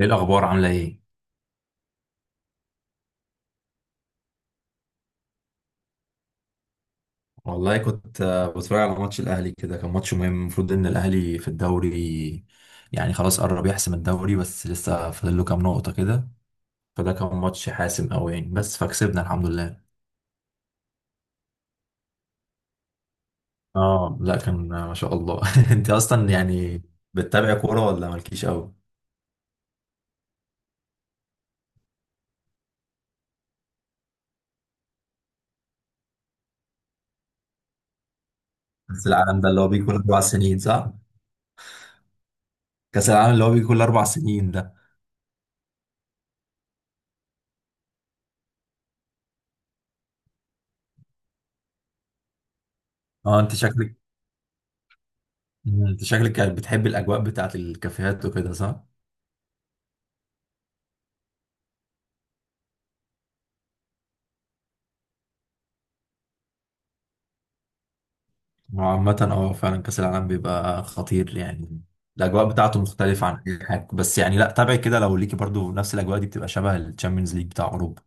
ايه الاخبار؟ عامله ايه؟ والله كنت بتفرج على ماتش الاهلي، كده كان ماتش مهم. المفروض ان الاهلي في الدوري يعني خلاص قرب يحسم الدوري بس لسه فاضل له كام نقطه كده. فده كان ماتش حاسم قوي يعني، بس فكسبنا الحمد لله. اه لا كان ما شاء الله. انت اصلا يعني بتتابع كوره ولا مالكيش قوي؟ كاس العالم ده اللي هو بيجي كل اربع سنين، صح؟ كاس العالم اللي هو بيجي كل اربع سنين ده. اه انت شكلك، انت شكلك كانت بتحب الاجواء بتاعت الكافيهات وكده، صح؟ هو عامة اه فعلا كأس العالم بيبقى خطير يعني. الأجواء بتاعته مختلفة عن أي حاجة، بس يعني لا تابعي كده لو ليكي، برضو نفس الأجواء دي بتبقى شبه الشامبيونز ليج بتاع أوروبا.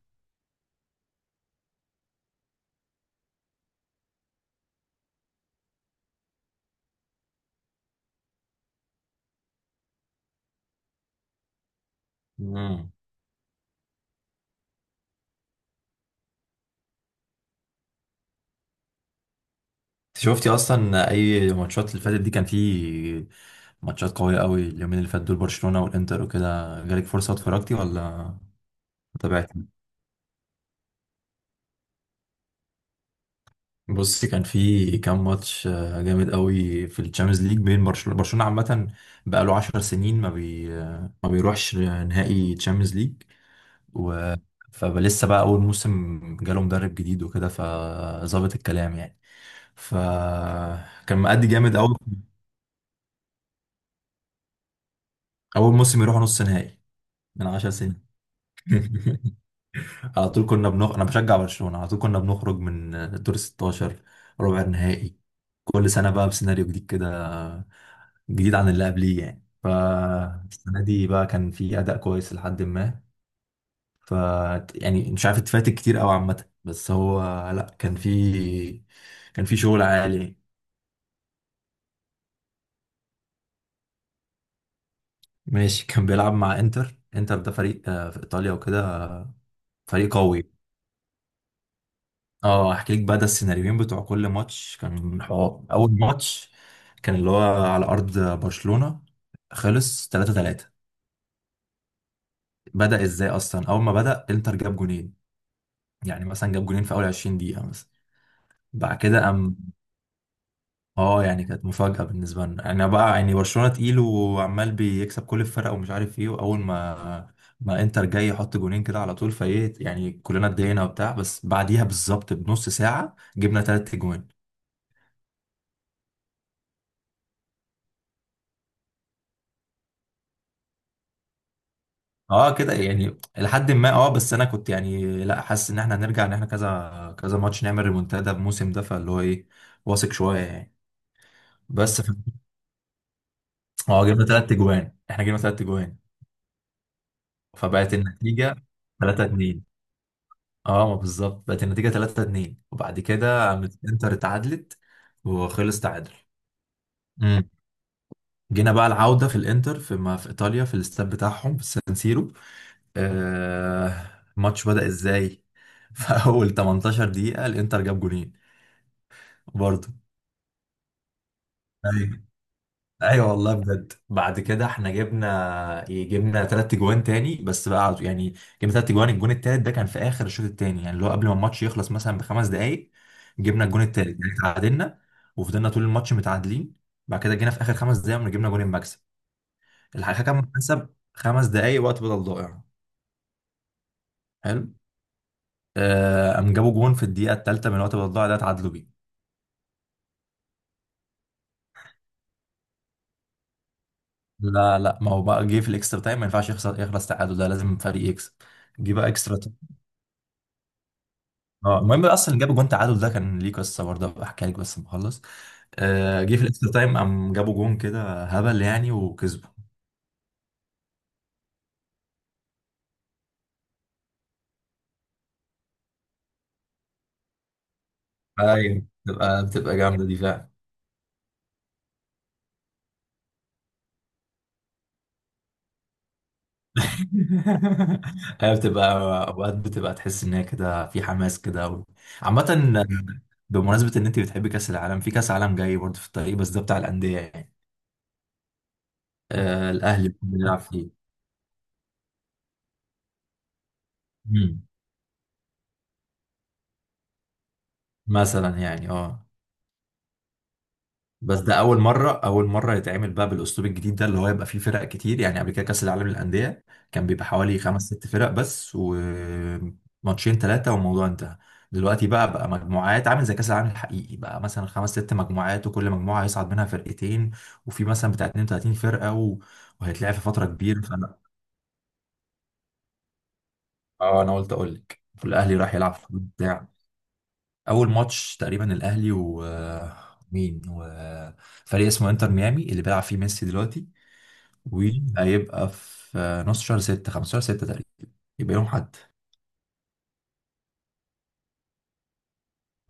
امم. انت شفتي أصلا أي ماتشات اللي فاتت دي؟ كان في ماتشات قوية قوي اليومين اللي فاتوا دول، برشلونة والإنتر وكده، جالك فرصة اتفرجتي ولا تابعتي؟ بصي كان في كام ماتش جامد قوي في الشامبيونز ليج بين برشلونة. برشلونة عامة بقاله 10 سنين ما بيروحش نهائي تشامبيونز ليج. و فلسه بقى اول موسم جاله مدرب جديد وكده فظابط الكلام يعني. فكان مأدي جامد. اول موسم يروح نص نهائي من 10 سنين. على طول كنا بنخرج، انا بشجع برشلونة، على طول كنا بنخرج من دور 16، ربع النهائي. كل سنة بقى بسيناريو جديد كده، جديد عن اللي قبليه يعني. فالسنة دي بقى كان في أداء كويس لحد ما ف يعني مش عارف اتفاتك كتير قوي عامة، بس هو لا كان في شغل عالي. ماشي. كان بيلعب مع انتر. انتر ده فريق في ايطاليا وكده، فريق قوي. اه احكي لك بقى ده السيناريوهين بتوع كل ماتش. كان حوار اول ماتش كان اللي هو على ارض برشلونة، خلص 3-3. بدأ ازاي اصلا؟ اول ما بدأ انتر جاب جونين، يعني مثلا جاب جونين في اول 20 دقيقة مثلا. بعد كده قام، اه يعني كانت مفاجأة بالنسبة لنا، انا بقى يعني برشلونة تقيل وعمال بيكسب كل الفرق ومش عارف ايه، واول ما ما انتر جاي يحط جونين كده على طول فايه يعني كلنا اتضايقنا وبتاع. بس بعديها بالظبط بنص ساعة جبنا تلات جوان. اه كده يعني. لحد ما اه بس انا كنت يعني لا حاسس ان احنا هنرجع، ان احنا كذا كذا ماتش نعمل ريمونتادا الموسم ده، فاللي هو ايه واثق شوية يعني. بس ف... اه جبنا تلات جوان. احنا جبنا تلات جوان فبقت النتيجة 3-2. اه ما بالظبط بقت النتيجة 3-2، وبعد كده قامت انتر اتعادلت وخلص تعادل. امم. جينا بقى العودة في الانتر، في ما في ايطاليا في الاستاد بتاعهم في السان سيرو. آه الماتش بدأ ازاي؟ في اول 18 دقيقة الانتر جاب جونين برضه. ايوه والله بجد. بعد كده احنا جبنا جبنا ثلاث جوان تاني، بس بقى على- يعني جبنا ثلاث جوان. الجون التالت ده كان في اخر الشوط التاني، يعني اللي هو قبل ما الماتش يخلص مثلا بخمس دقائق جبنا الجون التالت، يعني اتعادلنا وفضلنا طول الماتش متعادلين. بعد كده جينا في اخر خمس دقائق قمنا جبنا جون المكسب. الحكم حسب خمس دقائق وقت بدل ضائع. حلو. قام جابوا جون في الدقيقه الثالثه من وقت بدل ضائع ده، اتعادلوا بيه. لا لا، ما هو بقى جه في الاكسترا تايم، ما ينفعش يخسر يخلص تعادل، ده لازم فريق يكسب. جه بقى اكسترا. اه المهم اصلا اللي جاب جون تعادل ده كان ليه قصه برضه، هبقى احكيها لك بس لما اخلص. جه في الاكسترا تايم قام جابوا جون كده هبل يعني وكسبوا. ايوه بتبقى جامده دي فعلا. هي بتبقى اوقات بتبقى تحس ان هي كده في حماس كده و... عامه، بمناسبه ان انت بتحبي كاس العالم، في كاس عالم جاي برضه في الطريق بس ده بتاع الانديه يعني. آه الاهلي بيلعب فيه. مم. مثلا يعني اه بس ده اول مره. اول مره يتعمل بقى بالاسلوب الجديد ده اللي هو يبقى فيه فرق كتير يعني. قبل كده كاس العالم للانديه كان بيبقى حوالي خمس ست فرق بس وماتشين ثلاثه والموضوع انتهى. دلوقتي بقى مجموعات عامل زي كاس العالم الحقيقي بقى، مثلا خمس ست مجموعات وكل مجموعه هيصعد منها فرقتين، وفي مثلا بتاع 32 فرقه و... وهيتلعب في فتره كبيره. فانا اه انا قلت اقول لك والاهلي راح يلعب في بتاع. اول ماتش تقريبا الاهلي و مين وفريق اسمه انتر ميامي اللي بيلعب فيه ميسي دلوقتي. وهيبقى في نص شهر ستة، خمسة شهر ستة تقريبا يبقى يوم حد.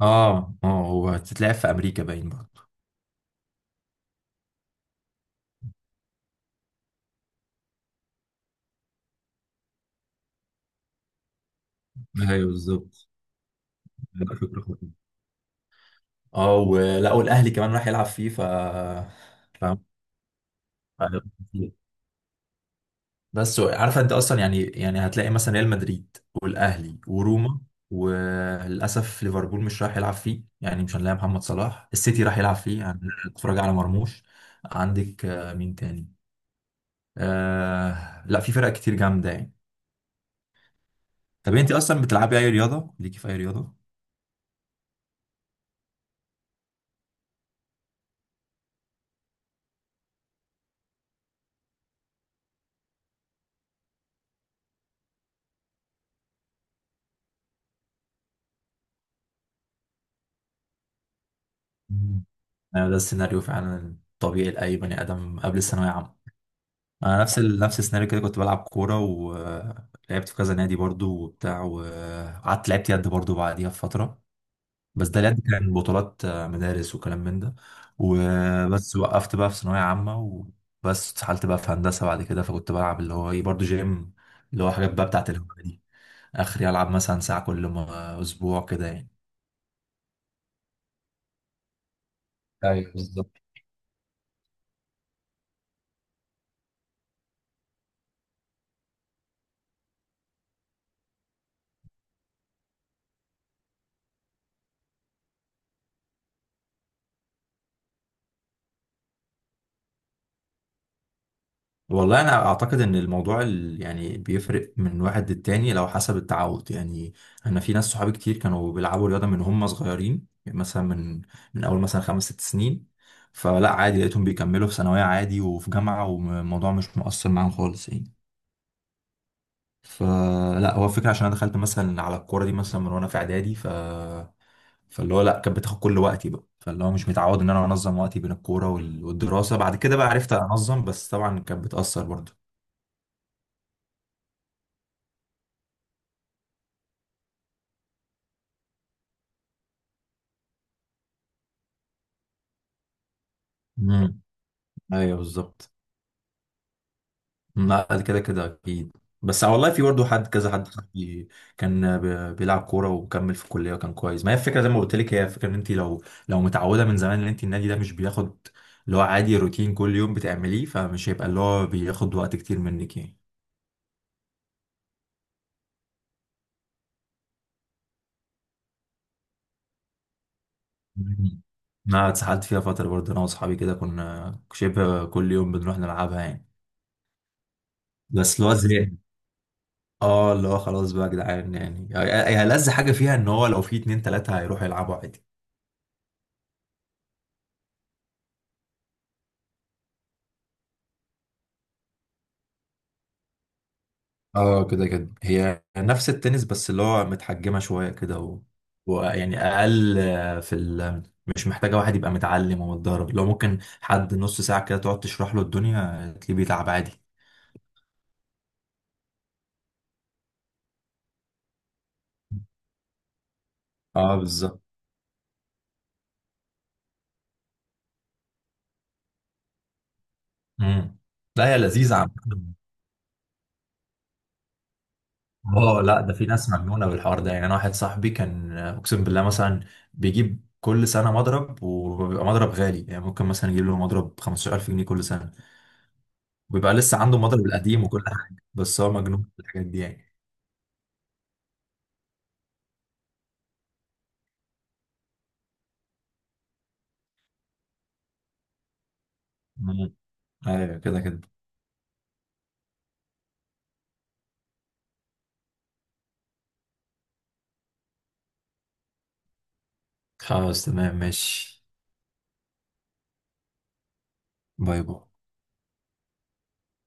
اه اه هو هتتلعب في امريكا باين برضه. ايوه بالظبط. لا، فكرة خطيرة. اه ولا والاهلي كمان راح يلعب فيه، ف فاهم. بس عارفه انت اصلا يعني، هتلاقي مثلا ريال مدريد والاهلي وروما، وللاسف ليفربول مش راح يلعب فيه يعني، مش هنلاقي محمد صلاح. السيتي راح يلعب فيه يعني، اتفرج على مرموش. عندك مين تاني؟ آه لا في فرق كتير جامده يعني. طب انت اصلا بتلعبي اي رياضه؟ ليكي في اي رياضه؟ مم. انا ده السيناريو فعلا الطبيعي لاي بني ادم قبل الثانويه عامه. انا نفس السيناريو كده، كنت بلعب كوره ولعبت في كذا نادي برضو وبتاع، وقعدت لعبت يد برضو بعديها بفتره. بس ده اليد كان بطولات مدارس وكلام من ده وبس. وقفت بقى في ثانويه عامه، وبس اتسحلت بقى في هندسه بعد كده. فكنت بلعب اللي هو ايه برضو جيم، اللي هو حاجات بقى بتاعت الهوايه دي. اخري العب مثلا ساعه كل اسبوع كده يعني. ايوه بالظبط. والله انا اعتقد ان الموضوع يعني بيفرق من واحد للتاني، لو حسب التعود يعني. انا في ناس صحابي كتير كانوا بيلعبوا رياضه من هم صغيرين يعني، مثلا من اول مثلا خمس ست سنين، فلا عادي لقيتهم بيكملوا في ثانويه عادي وفي جامعه، والموضوع مش مؤثر معاهم خالص يعني. فلا هو الفكره، عشان انا دخلت مثلا على الكوره دي مثلا من وانا في اعدادي، ف فاللي هو لا كانت بتاخد كل وقتي بقى، فاللي هو مش متعود ان انا انظم وقتي بين الكوره والدراسه. بعد كده بقى عرفت انظم، بس طبعا كانت بتاثر. برضه ايوه بالظبط. لا ده كده كده اكيد، بس والله في برضه حد، كذا حد صاحبي كان بيلعب كوره وكمل في الكليه وكان كويس. ما هي الفكره زي ما قلت لك، هي الفكره ان انت لو متعوده من زمان، ان انت النادي ده مش بياخد اللي هو، عادي روتين كل يوم بتعمليه، فمش هيبقى اللي هو بياخد وقت كتير منك يعني. مم. انا اتسحلت فيها فتره برضه، انا واصحابي كده كنا شبه كل يوم بنروح نلعبها يعني، بس اللي هو زهقنا. اه اللي هو خلاص بقى يا جدعان يعني، هي هي ألذ حاجه فيها ان هو لو في اتنين تلاته هيروحوا يلعبوا عادي. اه كده كده هي نفس التنس بس اللي هو متحجمة شوية كده و... ويعني أقل في ال... مش محتاجة واحد يبقى متعلم ومتدرب، لو ممكن حد نص ساعة كده تقعد تشرح له الدنيا تلاقيه بيتعب عادي. اه بالظبط. امم. لا هي لذيذة عامة. اه لا ده في ناس مجنونة بالحوار ده يعني. أنا واحد صاحبي كان أقسم بالله مثلا بيجيب كل سنة مضرب، وبيبقى مضرب غالي يعني، ممكن مثلا يجيب له مضرب 15,000 جنيه كل سنة، وبيبقى لسه عنده مضرب القديم وكل حاجه، بس هو مجنون في الحاجات دي يعني. مم. ايوه كده كده. خلاص تمام ماشي. باي باي.